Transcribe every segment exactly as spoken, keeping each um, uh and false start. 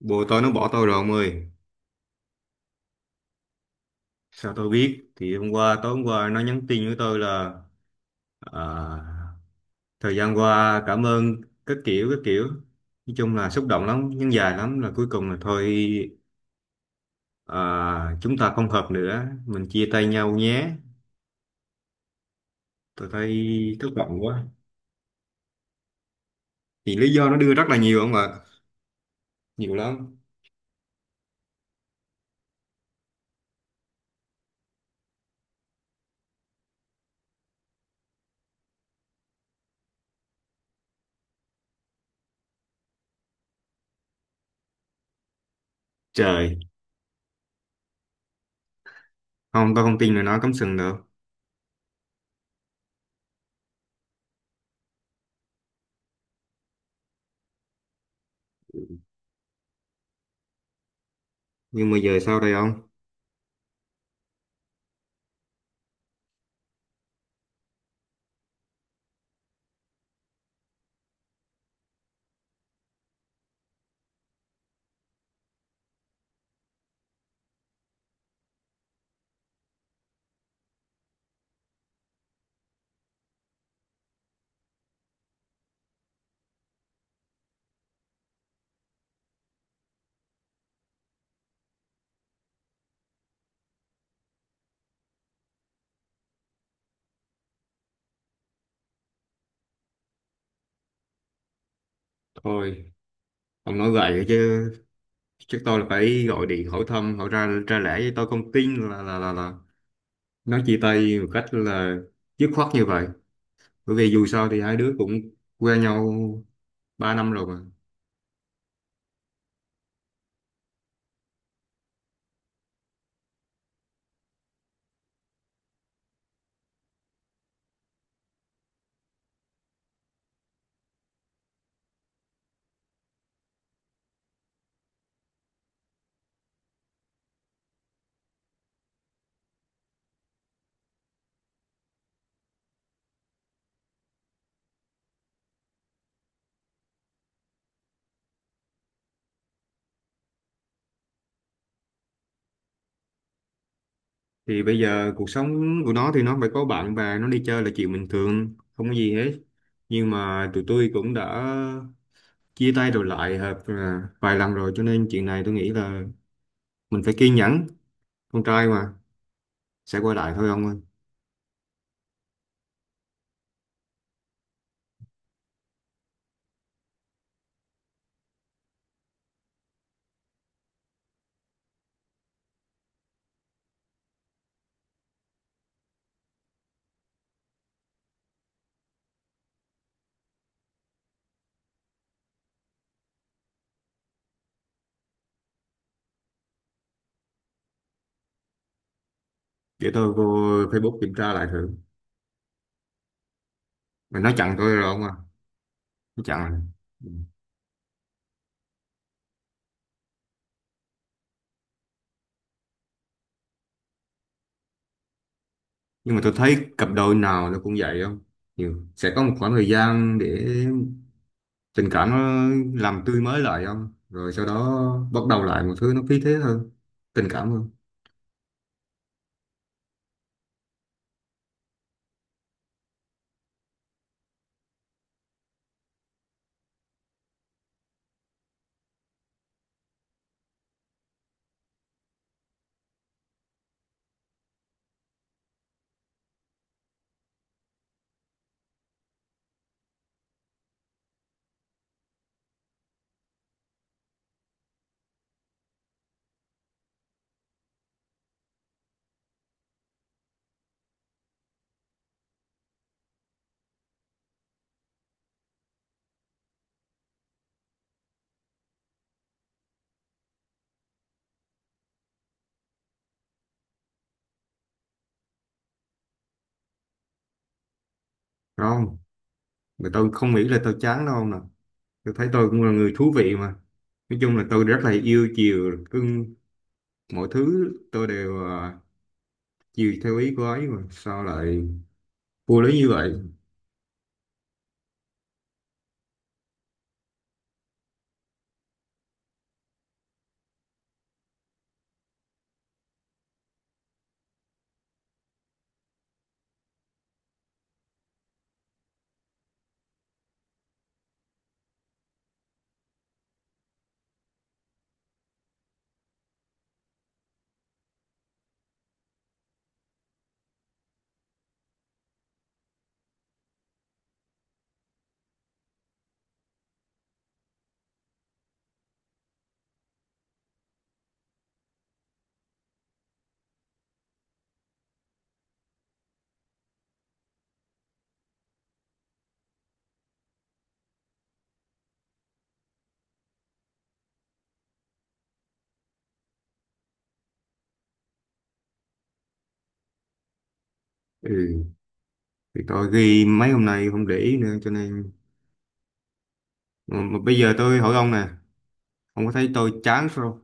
Bồ tôi nó bỏ tôi rồi ông ơi. Sao tôi biết? Thì hôm qua, tối hôm qua nó nhắn tin với tôi là à, thời gian qua cảm ơn các kiểu các kiểu. Nói chung là xúc động lắm, nhưng dài lắm là cuối cùng là thôi à, chúng ta không hợp nữa, mình chia tay nhau nhé. Tôi thấy thất vọng quá. Thì lý do nó đưa rất là nhiều không ạ, nhiều lắm. Trời, không tôi không tin là nó cắm sừng được. Nhưng mà giờ sao đây ông? Thôi, ông nói vậy chứ chắc tôi là phải gọi điện hỏi thăm, hỏi ra ra lẽ, với tôi không tin là là là là nói chia tay một cách là dứt khoát như vậy. Bởi vì dù sao thì hai đứa cũng quen nhau ba năm rồi mà. Thì bây giờ cuộc sống của nó thì nó phải có bạn bè, nó đi chơi là chuyện bình thường, không có gì hết. Nhưng mà tụi tôi cũng đã chia tay rồi lại hợp à, vài lần rồi cho nên chuyện này tôi nghĩ là mình phải kiên nhẫn, con trai mà sẽ quay lại thôi ông ơi. Để tôi vô Facebook kiểm tra lại thử. Mà nó chặn tôi rồi ông à. Chặn rồi. Ừ. Nhưng mà tôi thấy cặp đôi nào nó cũng vậy không? Nhiều. Sẽ có một khoảng thời gian để tình cảm nó làm tươi mới lại không? Rồi sau đó bắt đầu lại một thứ nó phí thế hơn, tình cảm hơn. Đúng không? Mà tôi không nghĩ là tôi chán đâu nè. Tôi thấy tôi cũng là người thú vị mà. Nói chung là tôi rất là yêu chiều, cưng mọi thứ tôi đều à, chiều theo ý của ấy mà. Sao lại vô lý như vậy? Ừ. Thì tôi ghi mấy hôm nay không để ý nữa cho nên... Mà, mà bây giờ tôi hỏi ông nè, ông có thấy tôi chán không?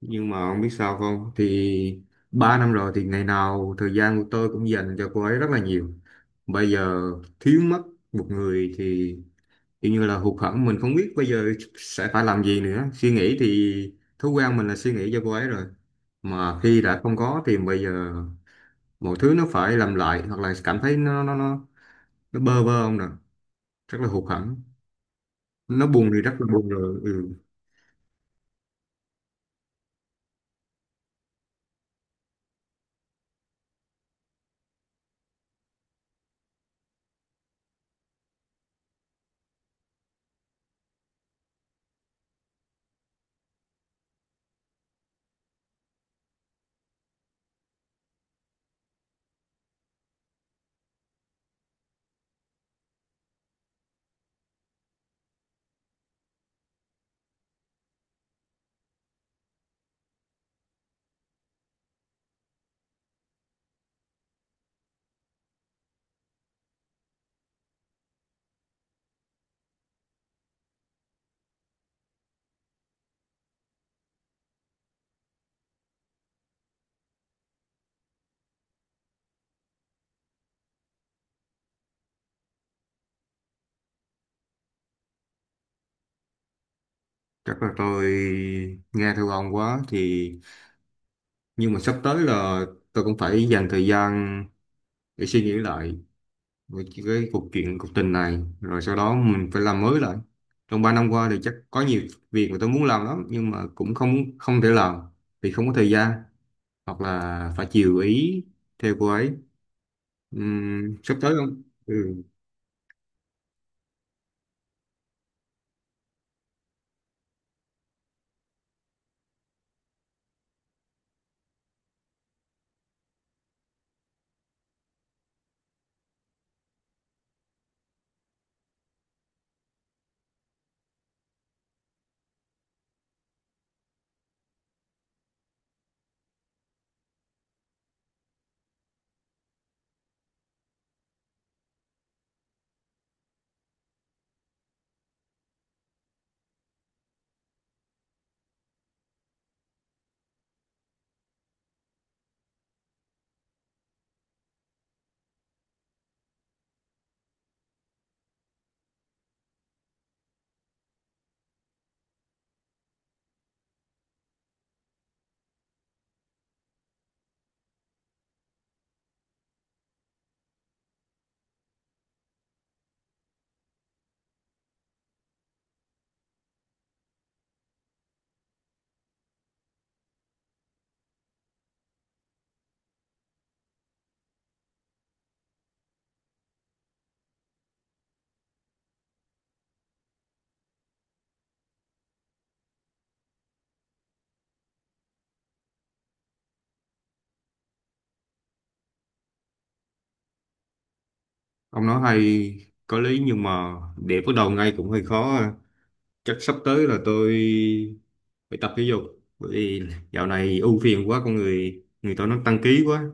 Nhưng mà ông biết sao không? Thì ba năm rồi thì ngày nào thời gian của tôi cũng dành cho cô ấy rất là nhiều. Bây giờ thiếu mất một người thì kiểu như là hụt hẫng, mình không biết bây giờ sẽ phải làm gì nữa. Suy nghĩ thì thói quen mình là suy nghĩ cho cô ấy rồi. Mà khi đã không có thì bây giờ mọi thứ nó phải làm lại, hoặc là cảm thấy nó nó nó nó bơ vơ không nè, rất là hụt hẫng. Nó buồn thì rất là buồn rồi. Ừ. Chắc là tôi nghe theo ông quá, thì nhưng mà sắp tới là tôi cũng phải dành thời gian để suy nghĩ lại về cái cuộc chuyện cuộc tình này, rồi sau đó mình phải làm mới lại. Trong ba năm qua thì chắc có nhiều việc mà tôi muốn làm lắm nhưng mà cũng không không thể làm vì không có thời gian, hoặc là phải chiều ý theo cô ấy. Ừm, sắp tới không ừ, ông nói hay có lý nhưng mà để bắt đầu ngay cũng hơi khó à. Chắc sắp tới là tôi phải tập thể dục, bởi vì dạo này ưu phiền quá, con người người tôi nó tăng ký quá.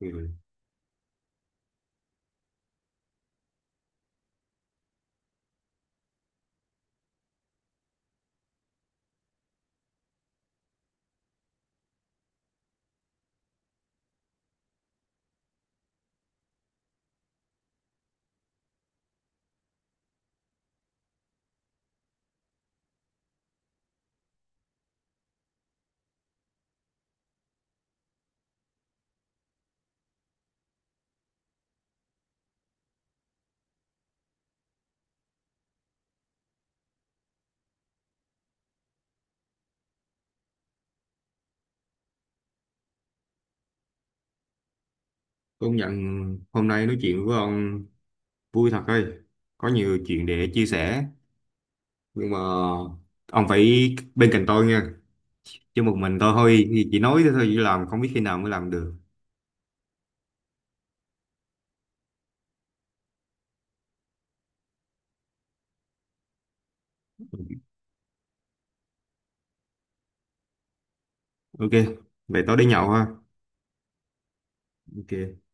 Ừ. Công nhận hôm nay nói chuyện với ông vui thật ơi, có nhiều chuyện để chia sẻ, nhưng mà ông phải bên cạnh tôi nha, chứ một mình tôi thôi thì chỉ nói thế thôi chỉ làm, không biết khi nào mới làm được. OK, vậy tối đi nhậu ha. OK.